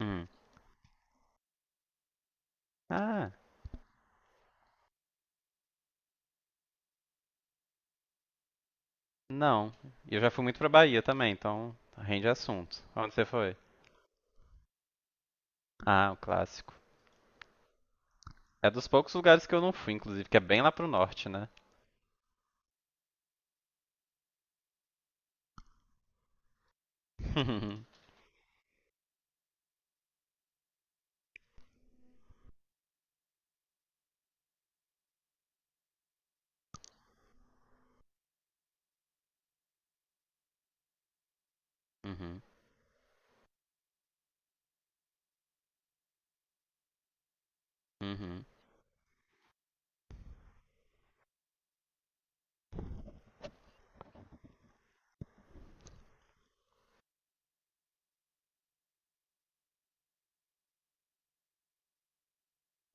Hum. Ah, não. Eu já fui muito pra Bahia também, então rende assunto. Onde você foi? Ah, o clássico. É dos poucos lugares que eu não fui, inclusive, que é bem lá pro norte, né? Uhum, uhum,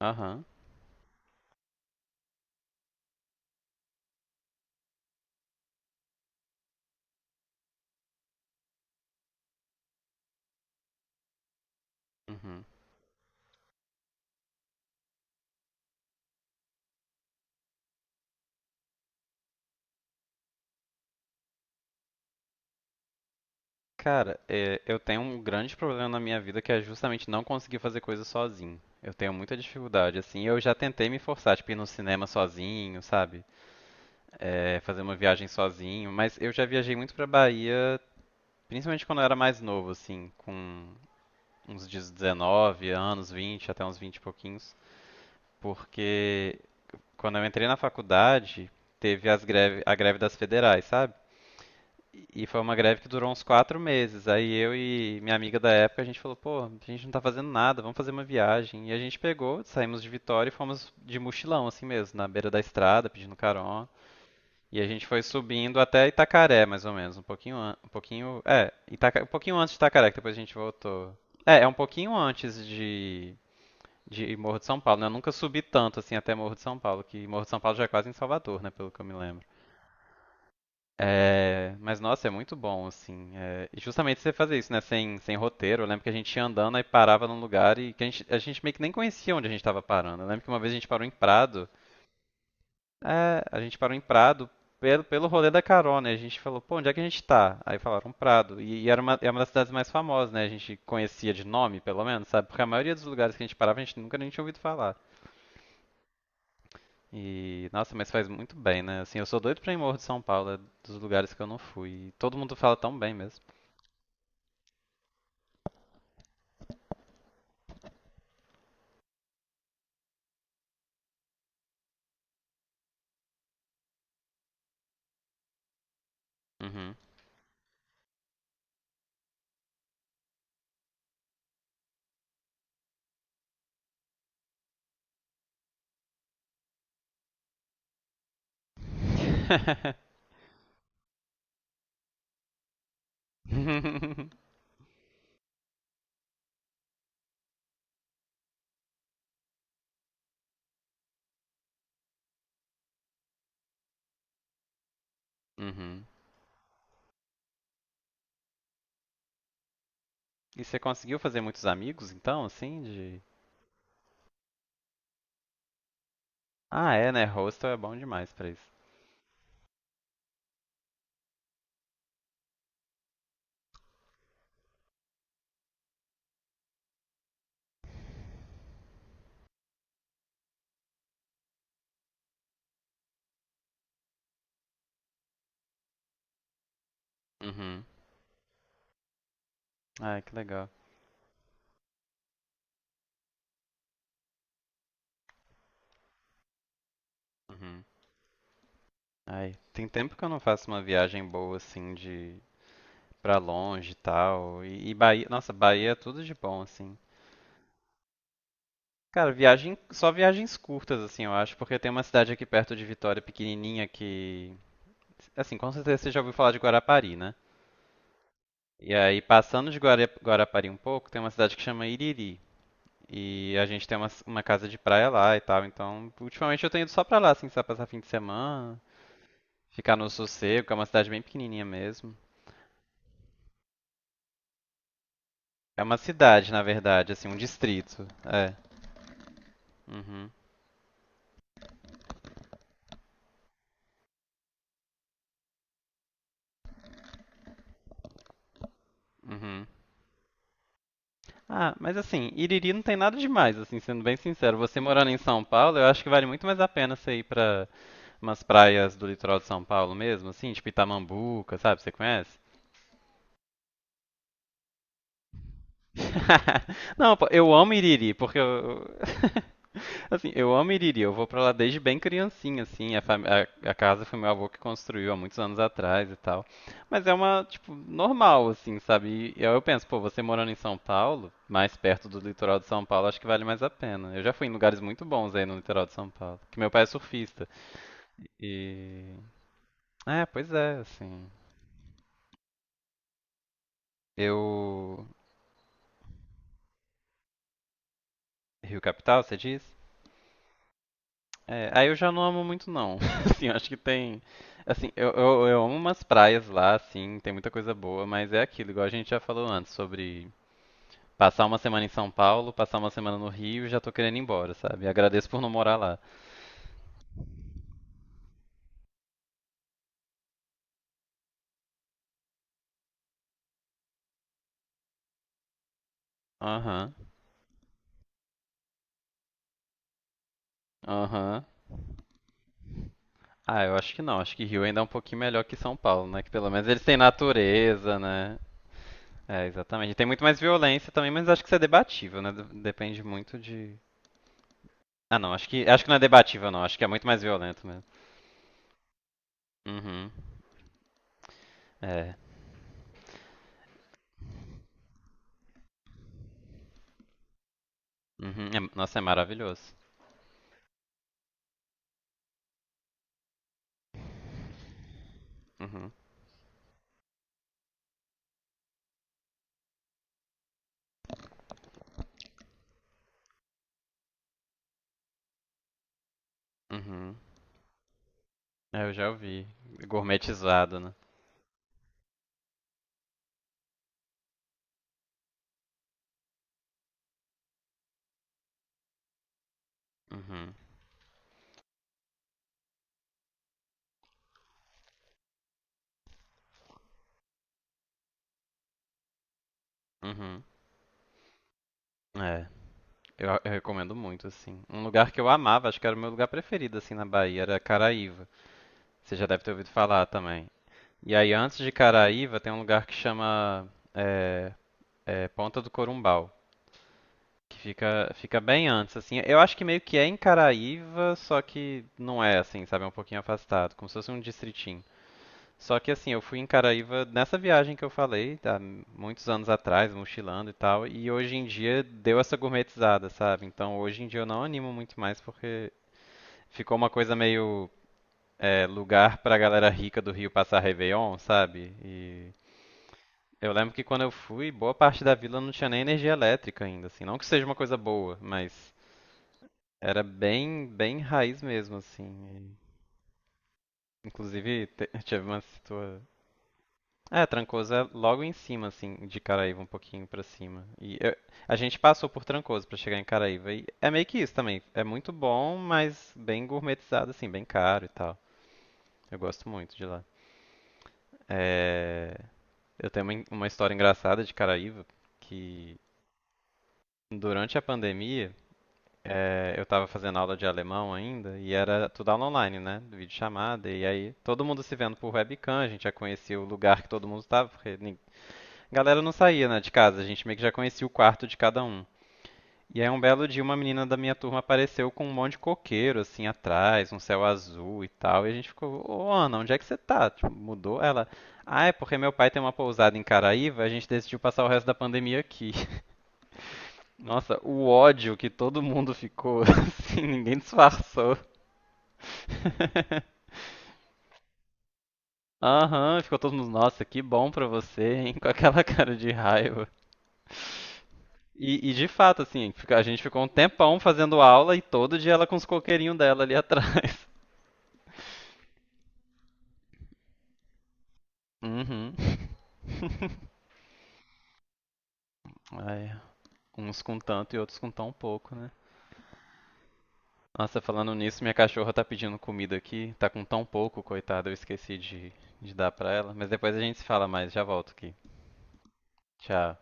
aham, uhum. Cara, é, eu tenho um grande problema na minha vida que é justamente não conseguir fazer coisas sozinho. Eu tenho muita dificuldade, assim. Eu já tentei me forçar, tipo, ir no cinema sozinho, sabe? É, fazer uma viagem sozinho, mas eu já viajei muito pra Bahia, principalmente quando eu era mais novo, assim, com uns 19 anos, 20 até uns 20 e pouquinhos, porque quando eu entrei na faculdade, teve as greve, a greve das federais, sabe? E foi uma greve que durou uns 4 meses. Aí eu e minha amiga da época, a gente falou, pô, a gente não tá fazendo nada, vamos fazer uma viagem. E a gente pegou, saímos de Vitória e fomos de mochilão, assim mesmo, na beira da estrada, pedindo carona. E a gente foi subindo até Itacaré, mais ou menos, um pouquinho, um pouquinho, um pouquinho antes de Itacaré, que depois a gente voltou. É, é um pouquinho antes de Morro de São Paulo, né? Eu nunca subi tanto assim até Morro de São Paulo, que Morro de São Paulo já é quase em Salvador, né? Pelo que eu me lembro. É, mas nossa, é muito bom, assim. É, e justamente você fazer isso, né? Sem roteiro. Eu lembro que a gente ia andando e parava num lugar e que a gente meio que nem conhecia onde a gente estava parando. Eu lembro que uma vez a gente parou em Prado. É, a gente parou em Prado pelo rolê da carona. E a gente falou, pô, onde é que a gente tá? Aí falaram Prado. E era uma, é uma das cidades mais famosas, né? A gente conhecia de nome, pelo menos, sabe? Porque a maioria dos lugares que a gente parava, a gente nunca nem tinha ouvido falar. E, nossa, mas faz muito bem, né? Assim, eu sou doido pra ir Morro de São Paulo, é dos lugares que eu não fui. E todo mundo fala tão bem mesmo. Uhum. Uhum. E você conseguiu fazer muitos amigos, então, assim, de... Ah, é, né? Hostel é bom demais pra isso. Uhum. Ai, que legal. Uhum. Ai, tem tempo que eu não faço uma viagem boa, assim, de... pra longe e tal. E Bahia... Nossa, Bahia é tudo de bom, assim. Cara, viagem, só viagens curtas, assim, eu acho, porque tem uma cidade aqui perto de Vitória, pequenininha, que, assim, com certeza você já ouviu falar de Guarapari, né? E aí, passando de Guarapari um pouco, tem uma cidade que chama Iriri. E a gente tem uma casa de praia lá e tal, então, ultimamente eu tenho ido só pra lá, assim, só passar fim de semana, ficar no sossego, que é uma cidade bem pequenininha mesmo. É uma cidade, na verdade, assim, um distrito, é. Uhum, uhum. Ah, mas assim, Iriri não tem nada demais, assim, sendo bem sincero. Você morando em São Paulo, eu acho que vale muito mais a pena você ir pra umas praias do litoral de São Paulo mesmo, assim, tipo Itamambuca, sabe? Você conhece? Não, pô, eu amo Iriri, porque eu... Assim, eu amo Iriri, eu vou pra lá desde bem criancinha, assim. A casa foi meu avô que construiu há muitos anos atrás e tal. Mas é uma, tipo, normal, assim, sabe? E aí eu penso, pô, você morando em São Paulo, mais perto do litoral de São Paulo, acho que vale mais a pena. Eu já fui em lugares muito bons aí no litoral de São Paulo, que meu pai é surfista. E. É, pois é, assim. Eu. Rio Capital, você diz? É, aí eu já não amo muito não. Assim, eu acho que tem, assim, eu amo umas praias lá, assim, tem muita coisa boa, mas é aquilo, igual a gente já falou antes, sobre passar uma semana em São Paulo, passar uma semana no Rio, e já tô querendo ir embora, sabe? Agradeço por não morar lá. Aham, aham. Ah, eu acho que não, acho que Rio ainda é um pouquinho melhor que São Paulo, né? Que pelo menos eles têm natureza, né? É, exatamente. Tem muito mais violência também, mas acho que isso é debatível, né? Depende muito de... Ah, não, acho que não é debatível, não. Acho que é muito mais violento mesmo. Uhum. É. Uhum. É- Nossa, é maravilhoso. Uhum. Uhum. É, eu já ouvi. Gourmetizado, né? Uhum. Uhum. É. Eu recomendo muito, assim. Um lugar que eu amava, acho que era o meu lugar preferido, assim, na Bahia, era Caraíva. Você já deve ter ouvido falar também. E aí, antes de Caraíva, tem um lugar que chama é, é, Ponta do Corumbau, que fica bem antes, assim. Eu acho que meio que é em Caraíva, só que não é, assim, sabe? É um pouquinho afastado, como se fosse um distritinho. Só que assim, eu fui em Caraíva nessa viagem que eu falei, há muitos anos atrás, mochilando e tal, e hoje em dia deu essa gourmetizada, sabe? Então hoje em dia eu não animo muito mais porque ficou uma coisa meio é, lugar pra galera rica do Rio passar Réveillon, sabe? E eu lembro que quando eu fui, boa parte da vila não tinha nem energia elétrica ainda, assim. Não que seja uma coisa boa, mas era bem raiz mesmo, assim. E, inclusive, tive uma situação. É, Trancoso é logo em cima, assim, de Caraíva, um pouquinho pra cima. A gente passou por Trancoso pra chegar em Caraíva. E é meio que isso também. É muito bom, mas bem gourmetizado, assim, bem caro e tal. Eu gosto muito de lá. É, eu tenho uma, uma história engraçada de Caraíva, que durante a pandemia, eu tava fazendo aula de alemão ainda, e era tudo aula online, né? Videochamada, e aí todo mundo se vendo por webcam, a gente já conhecia o lugar que todo mundo tava, porque galera não saía, né, de casa, a gente meio que já conhecia o quarto de cada um. E aí um belo dia uma menina da minha turma apareceu com um monte de coqueiro assim atrás, um céu azul e tal, e a gente ficou, ô Ana, onde é que você tá? Tipo, mudou ela. Ah, é porque meu pai tem uma pousada em Caraíva, a gente decidiu passar o resto da pandemia aqui. Nossa, o ódio que todo mundo ficou, assim, ninguém disfarçou. Aham, ficou todo mundo, nossa, que bom pra você, hein? Com aquela cara de raiva. E de fato, assim, a gente ficou um tempão fazendo aula e todo dia ela com os coqueirinhos dela ali atrás. Uhum. Ai, uns com tanto e outros com tão pouco, né? Nossa, falando nisso, minha cachorra tá pedindo comida aqui. Tá com tão pouco, coitada, eu esqueci de dar pra ela. Mas depois a gente se fala mais, já volto aqui. Tchau.